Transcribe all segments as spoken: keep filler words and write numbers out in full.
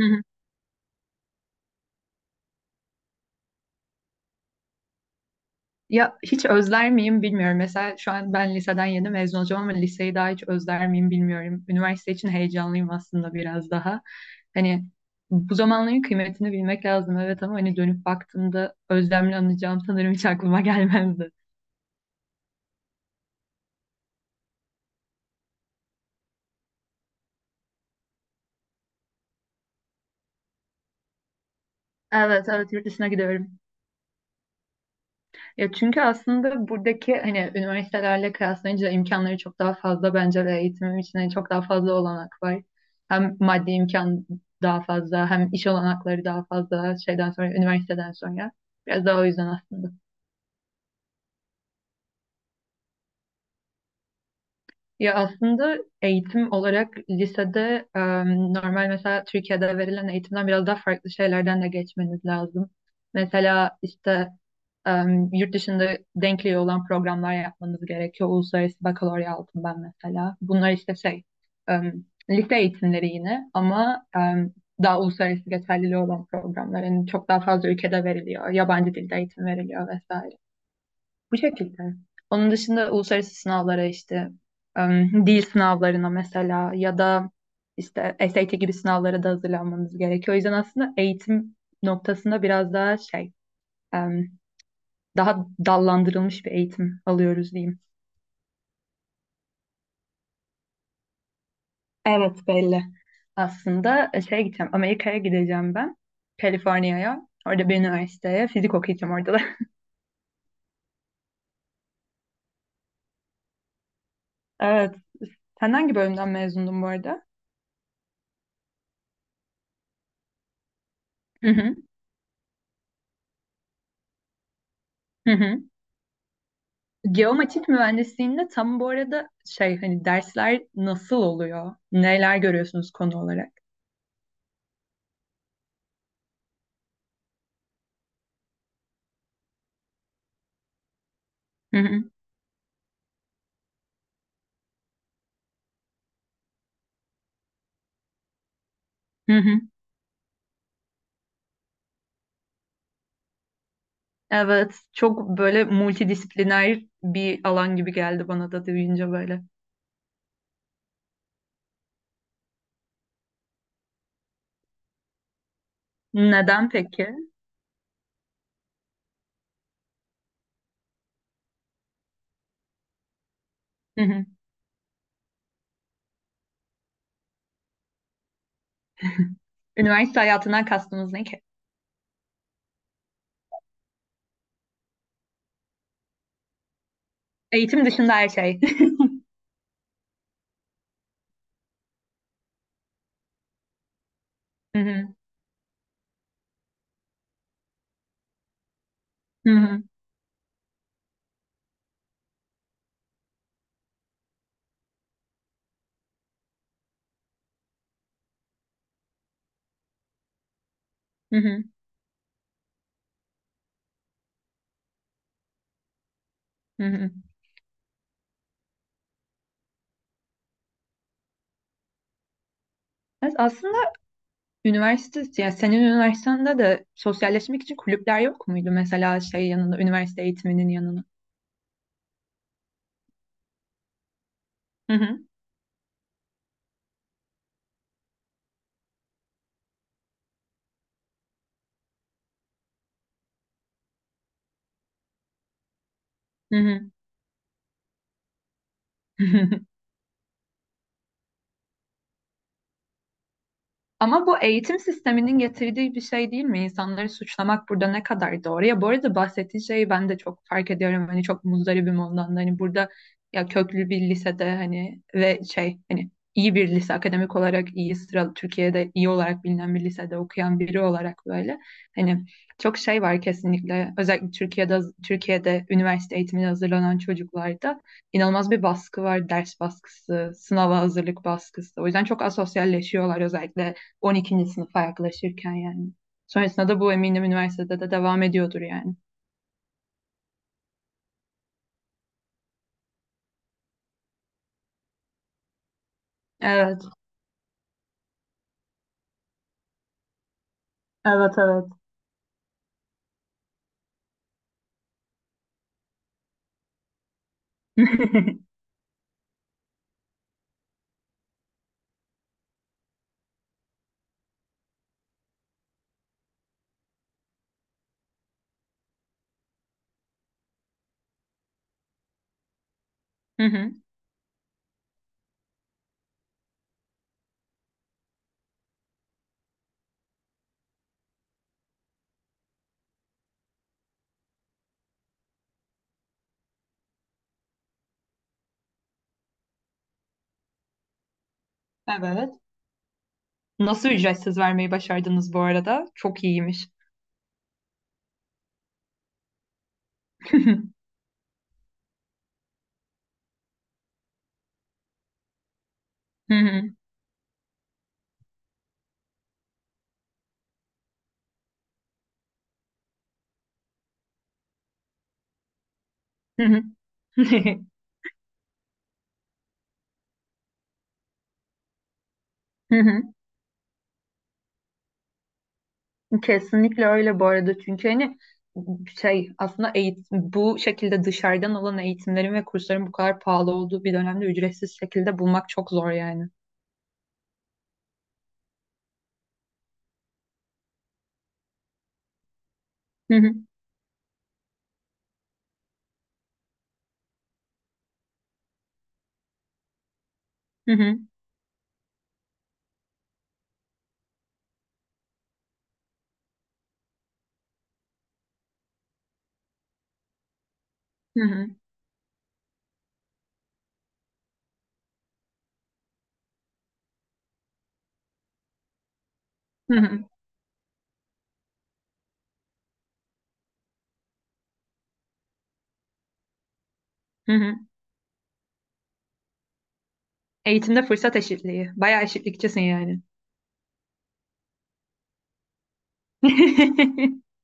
Hı hı. Ya hiç özler miyim bilmiyorum. Mesela şu an ben liseden yeni mezun olacağım ama liseyi daha hiç özler miyim bilmiyorum. Üniversite için heyecanlıyım aslında biraz daha. Hani bu zamanların kıymetini bilmek lazım, evet, ama hani dönüp baktığımda özlemle anacağım sanırım hiç aklıma gelmezdi. Evet, evet, yurt dışına gidiyorum. Ya çünkü aslında buradaki hani üniversitelerle kıyaslayınca imkanları çok daha fazla bence ve eğitimim için hani çok daha fazla olanak var. Hem maddi imkan daha fazla, hem iş olanakları daha fazla şeyden sonra, üniversiteden sonra. Biraz daha o yüzden aslında. Ya aslında eğitim olarak lisede e, normal, mesela Türkiye'de verilen eğitimden biraz daha farklı şeylerden de geçmeniz lazım. Mesela işte e, yurt dışında denkliği olan programlar yapmanız gerekiyor. Uluslararası bakalorya aldım ben mesela. Bunlar işte şey, e, lise eğitimleri yine ama e, daha uluslararası geçerliliği olan programlar. Yani çok daha fazla ülkede veriliyor. Yabancı dilde eğitim veriliyor vesaire. Bu şekilde. Onun dışında uluslararası sınavlara işte, em, dil sınavlarına mesela, ya da işte S A T gibi sınavlara da hazırlanmamız gerekiyor. O yüzden aslında eğitim noktasında biraz daha şey, em, daha dallandırılmış bir eğitim alıyoruz diyeyim. Evet, belli. Aslında e, şeye gideceğim, Amerika'ya gideceğim ben. Kaliforniya'ya. Orada bir üniversiteye fizik okuyacağım orada da. Evet. Sen hangi bölümden mezundun bu arada? Hı hı. Hı hı. Geomatik mühendisliğinde tam bu arada şey, hani dersler nasıl oluyor? Neler görüyorsunuz konu olarak? Hı hı, hı hı. Evet, çok böyle multidisipliner bir alan gibi geldi bana da duyunca böyle. Neden peki? Hı hı. Üniversite hayatından kastınız ne ki? Eğitim dışında her şey. Hı hı, hı hı, hı hı, hı hı. Evet, aslında üniversite, yani senin üniversitende de sosyalleşmek için kulüpler yok muydu? Mesela şey yanında, üniversite eğitiminin yanına. Hı hı, hı hı. Hı. Ama bu eğitim sisteminin getirdiği bir şey değil mi? İnsanları suçlamak burada ne kadar doğru? Ya bu arada bahsettiğin şeyi ben de çok fark ediyorum. Hani çok muzdaribim ondan da. Hani burada ya köklü bir lisede, hani, ve şey, hani iyi bir lise, akademik olarak iyi sıralı, Türkiye'de iyi olarak bilinen bir lisede okuyan biri olarak böyle, hani çok şey var kesinlikle, özellikle Türkiye'de, Türkiye'de üniversite eğitimine hazırlanan çocuklarda inanılmaz bir baskı var, ders baskısı, sınava hazırlık baskısı, o yüzden çok asosyalleşiyorlar, özellikle on ikinci sınıfa yaklaşırken yani. Sonrasında da bu eminim üniversitede de devam ediyordur yani. Evet. Evet, evet. Hı hı. Evet. Nasıl ücretsiz vermeyi başardınız bu arada? Çok iyiymiş. Hı hı. Hı hı. Hı hı. Kesinlikle öyle bu arada, çünkü hani şey, aslında eğitim, bu şekilde dışarıdan olan eğitimlerin ve kursların bu kadar pahalı olduğu bir dönemde ücretsiz şekilde bulmak çok zor yani. Hı hı. Hı hı. Hı hı. Hı hı. Hı hı. Eğitimde fırsat eşitliği. Bayağı eşitlikçisin yani.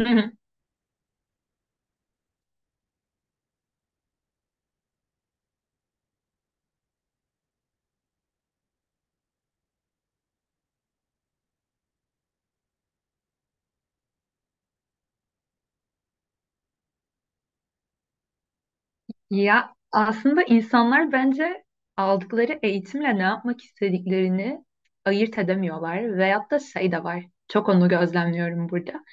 Hı hı. Ya aslında insanlar bence aldıkları eğitimle ne yapmak istediklerini ayırt edemiyorlar. Veyahut da şey de var. Çok onu gözlemliyorum burada.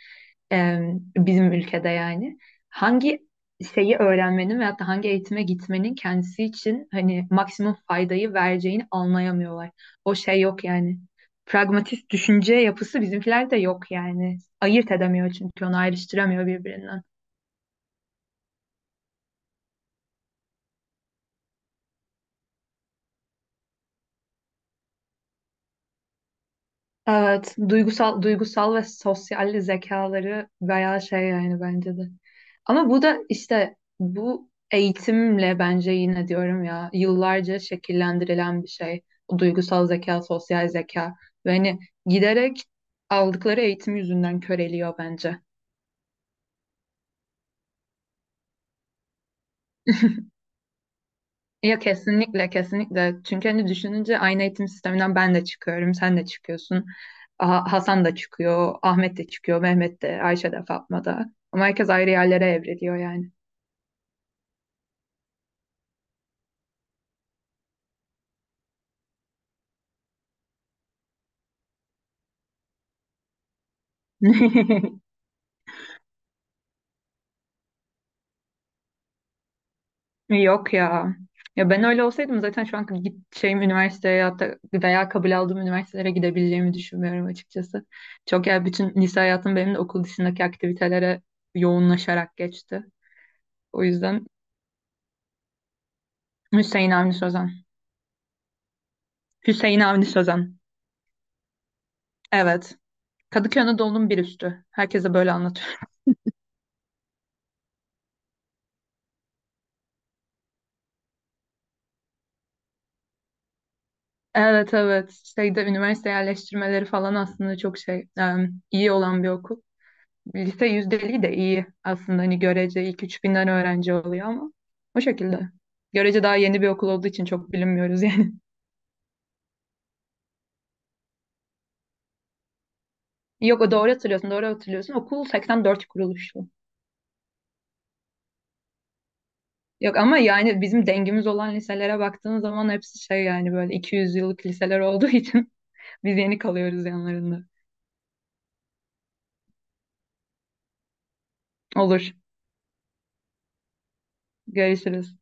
e, bizim ülkede yani hangi şeyi öğrenmenin veyahut da hangi eğitime gitmenin kendisi için hani maksimum faydayı vereceğini anlayamıyorlar. O şey yok yani. Pragmatist düşünce yapısı bizimkilerde yok yani. Ayırt edemiyor çünkü onu ayrıştıramıyor birbirinden. Evet, duygusal duygusal ve sosyal zekaları bayağı şey yani, bence de. Ama bu da işte bu eğitimle, bence, yine diyorum ya, yıllarca şekillendirilen bir şey. O duygusal zeka, sosyal zeka, ve hani giderek aldıkları eğitim yüzünden köreliyor bence. Ya kesinlikle, kesinlikle, çünkü hani düşününce aynı eğitim sisteminden ben de çıkıyorum, sen de çıkıyorsun, Ah- Hasan da çıkıyor, Ahmet de çıkıyor, Mehmet de, Ayşe de, Fatma da, ama herkes ayrı yerlere evriliyor yani. Yok ya, ya ben öyle olsaydım zaten şu an git gideceğim üniversiteye ya da veya kabul aldığım üniversitelere gidebileceğimi düşünmüyorum açıkçası. Çok, ya bütün lise hayatım benim de okul dışındaki aktivitelere yoğunlaşarak geçti. O yüzden. Hüseyin Avni Sözen. Hüseyin Avni Sözen. Evet. Kadıköy Anadolu'nun bir üstü. Herkese böyle anlatıyorum. Evet, evet. Şeyde üniversite yerleştirmeleri falan aslında çok şey, em, iyi olan bir okul. Lise yüzdeliği de iyi aslında. Hani görece ilk üç binden öğrenci oluyor ama o şekilde. Görece daha yeni bir okul olduğu için çok bilinmiyoruz yani. Yok, o doğru hatırlıyorsun, doğru hatırlıyorsun. Okul seksen dört kuruluşlu. Yok ama yani bizim dengimiz olan liselere baktığın zaman hepsi şey, yani böyle iki yüz yıllık liseler olduğu için biz yeni kalıyoruz yanlarında. Olur. Görüşürüz.